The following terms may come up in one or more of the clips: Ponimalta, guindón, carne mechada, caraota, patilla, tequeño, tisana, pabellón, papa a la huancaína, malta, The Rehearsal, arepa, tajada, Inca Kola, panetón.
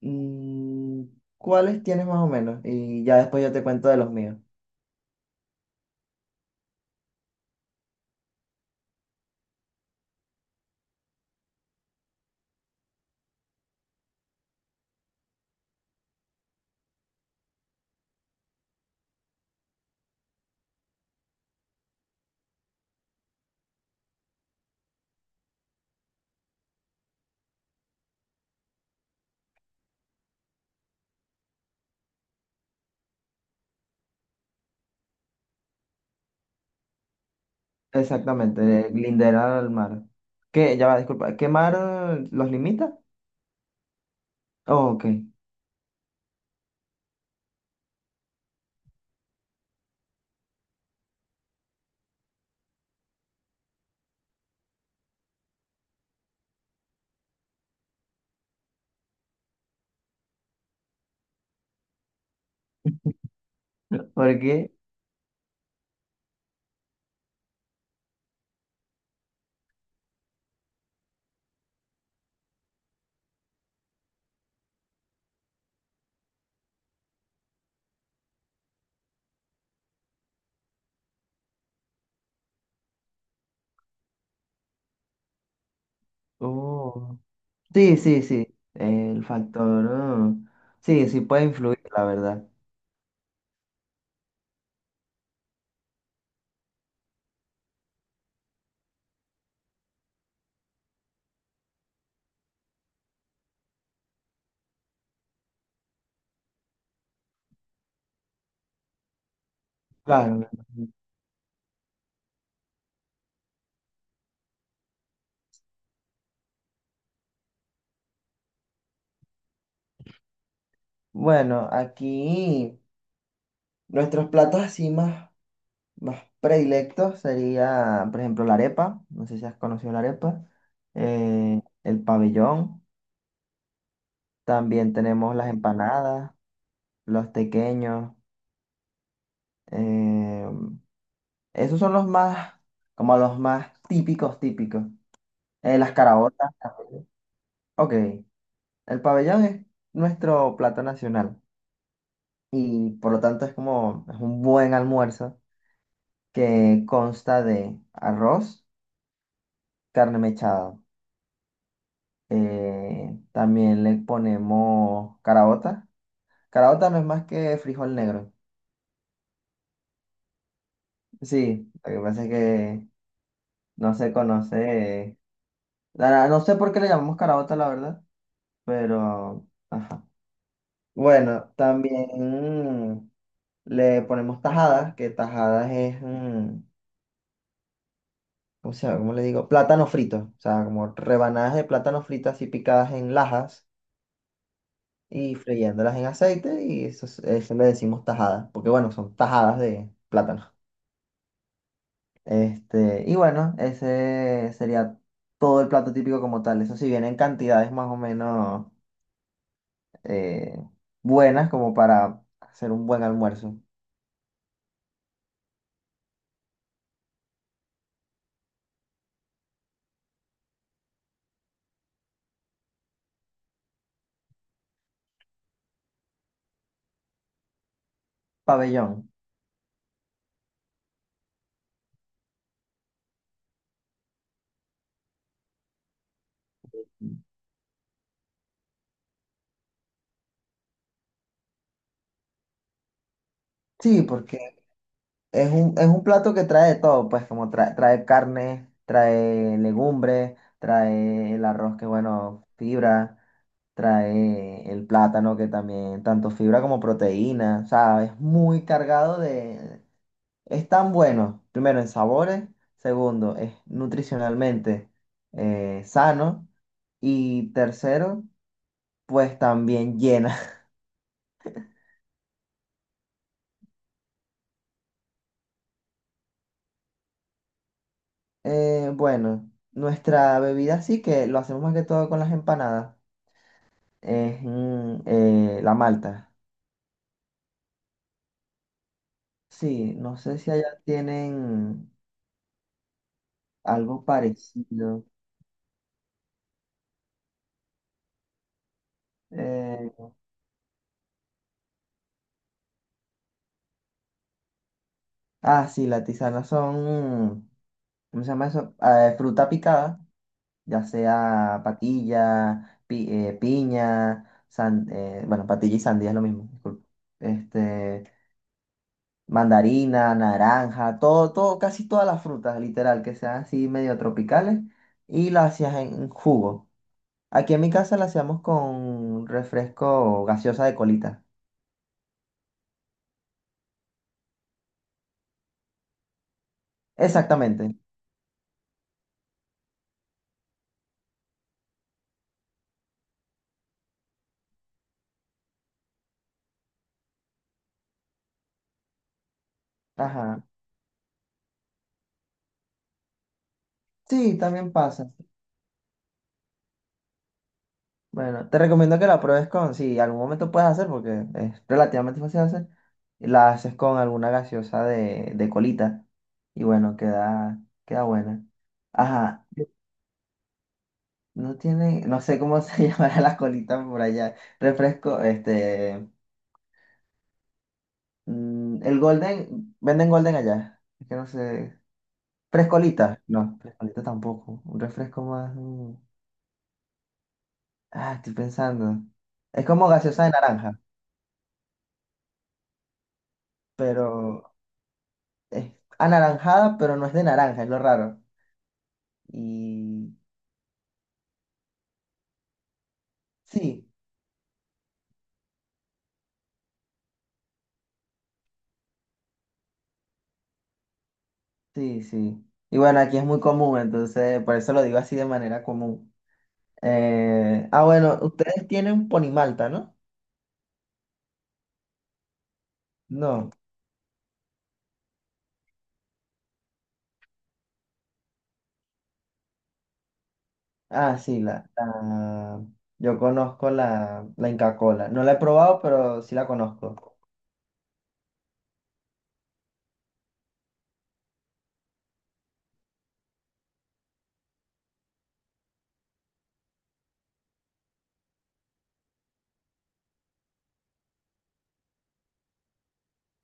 Mm, ¿Cuáles tienes más o menos? Y ya después yo te cuento de los míos. Exactamente, de lindera al mar. ¿Qué? Ya va, disculpa. ¿Qué mar los limita? Oh, ok. Porque. Oh. Sí, sí, sí. El factor. Oh. Sí, sí puede influir, la verdad. Claro, me imagino. Bueno, aquí nuestros platos así más, más predilectos sería, por ejemplo, la arepa. No sé si has conocido la arepa. El pabellón. También tenemos las empanadas, los tequeños. eh, Esos son los más, como los más típicos, típicos. Las caraotas también. Ok, el pabellón es nuestro plato nacional y por lo tanto es como es un buen almuerzo que consta de arroz, carne mechada. También le ponemos caraota. Caraota no es más que frijol negro. Sí, lo que pasa es que no se conoce no sé por qué le llamamos carabota, la verdad, pero... Ajá. Bueno, también mm, le ponemos tajadas, que tajadas es... ¿cómo se llama? ¿Cómo le digo? Plátano frito, o sea, como rebanadas de plátano fritas y picadas en lajas y freyéndolas en aceite y eso, es- eso le decimos tajadas, porque bueno, son tajadas de plátano. Este, y bueno, ese sería todo el plato típico como tal. Eso sí viene en cantidades más o menos eh, buenas como para hacer un buen almuerzo. Pabellón. Sí, porque es un plato que trae de todo, pues como trae, trae carne, trae legumbres, trae el arroz que bueno, fibra, trae el plátano que también, tanto fibra como proteína, o sea, es muy cargado de... Es tan bueno, primero en sabores, segundo, es nutricionalmente sano y tercero, pues también llena. Bueno, nuestra bebida sí que lo hacemos más que todo con las empanadas. Es la malta. Sí, no sé si allá tienen algo parecido. Eh, sí, las tisanas son, ¿cómo se llama eso? Fruta picada, ya sea patilla, piña, bueno, patilla y sandía es lo mismo, disculpa. Este, mandarina, naranja, todo, todo, casi todas las frutas, literal, que sean así medio tropicales, y las hacías en jugo. Aquí en mi casa la hacíamos con refresco gaseosa de colita. Exactamente. Ajá. Sí, también pasa. Bueno, te recomiendo que la pruebes con, si algún momento puedes hacer, porque es relativamente fácil de hacer, la haces con alguna gaseosa de colita. Y bueno, queda, queda buena. Ajá. No tiene, no sé cómo se llamará la colita por allá. Refresco, este, el Golden, venden Golden allá. Es que no sé. Frescolita, no, frescolita tampoco. Un refresco más. Ah, estoy pensando. Es como gaseosa de naranja, pero es anaranjada, pero no es de naranja, es lo raro. Y sí, sí, sí. Y bueno, aquí es muy común, entonces por eso lo digo así de manera común. Bueno, ustedes tienen Ponimalta, ¿no? No. Ah, sí, yo conozco la Inca Kola. No la he probado, pero sí la conozco.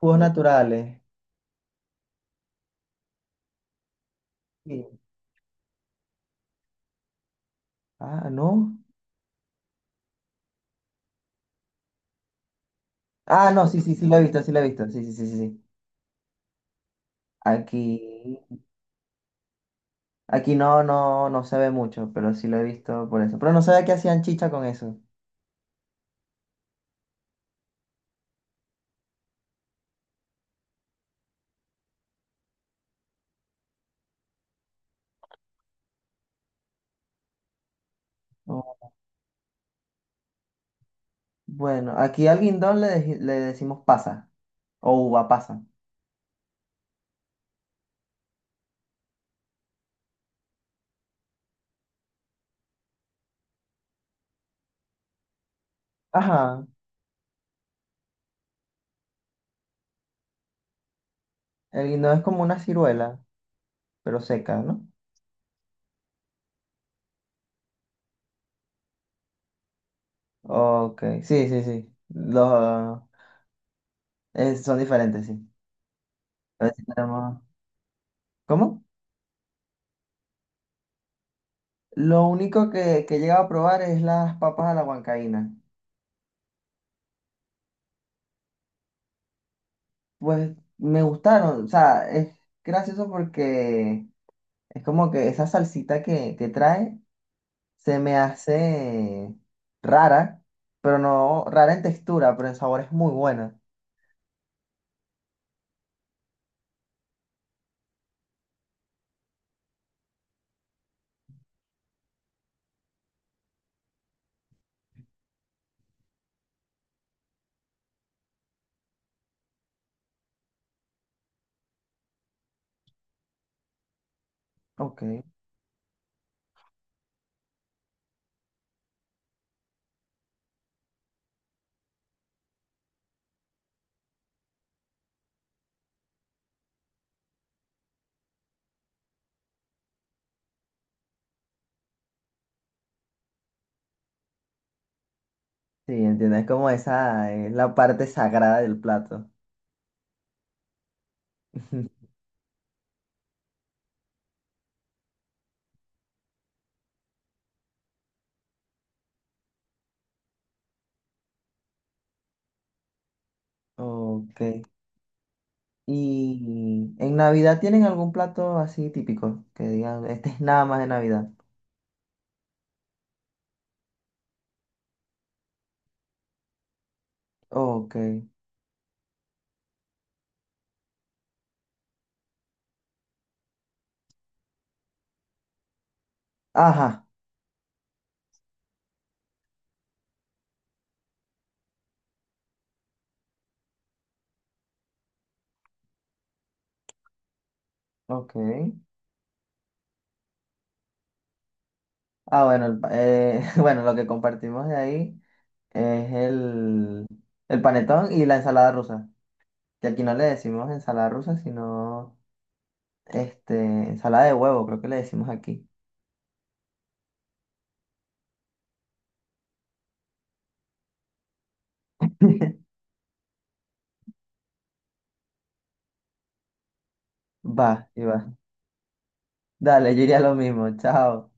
Jugos naturales. Sí. Ah, no. Ah, no, sí, sí, sí la he visto, sí la he visto. Sí, sí, sí, sí, sí. Aquí, aquí no, no, no se ve mucho, pero sí lo he visto por eso. Pero no sabía que hacían chicha con eso. Oh, bueno, aquí al guindón le, le decimos pasa o uva pasa. Ajá. El guindón es como una ciruela, pero seca, ¿no? Ok, sí, sí, sí. Los, eh, son diferentes, sí. A ver si tenemos- ¿Cómo? Lo único que he llegado a probar es las papas a la huancaína. Pues me gustaron, o sea, es gracioso porque es como que esa salsita que trae se me hace rara, pero no rara en textura, pero en sabor es muy buena. Ok, sí, entiendo, es como esa, es la parte sagrada del plato. Ok. ¿Y en Navidad tienen algún plato así típico que digan, este es nada más de Navidad? Ok. Ajá, ok. Ah, bueno, bueno, lo que compartimos de ahí es el panetón y la ensalada rusa. Que aquí no le decimos ensalada rusa, sino este, ensalada de huevo, creo que le decimos aquí. Va, y va. Dale, yo iría lo mismo. Chao.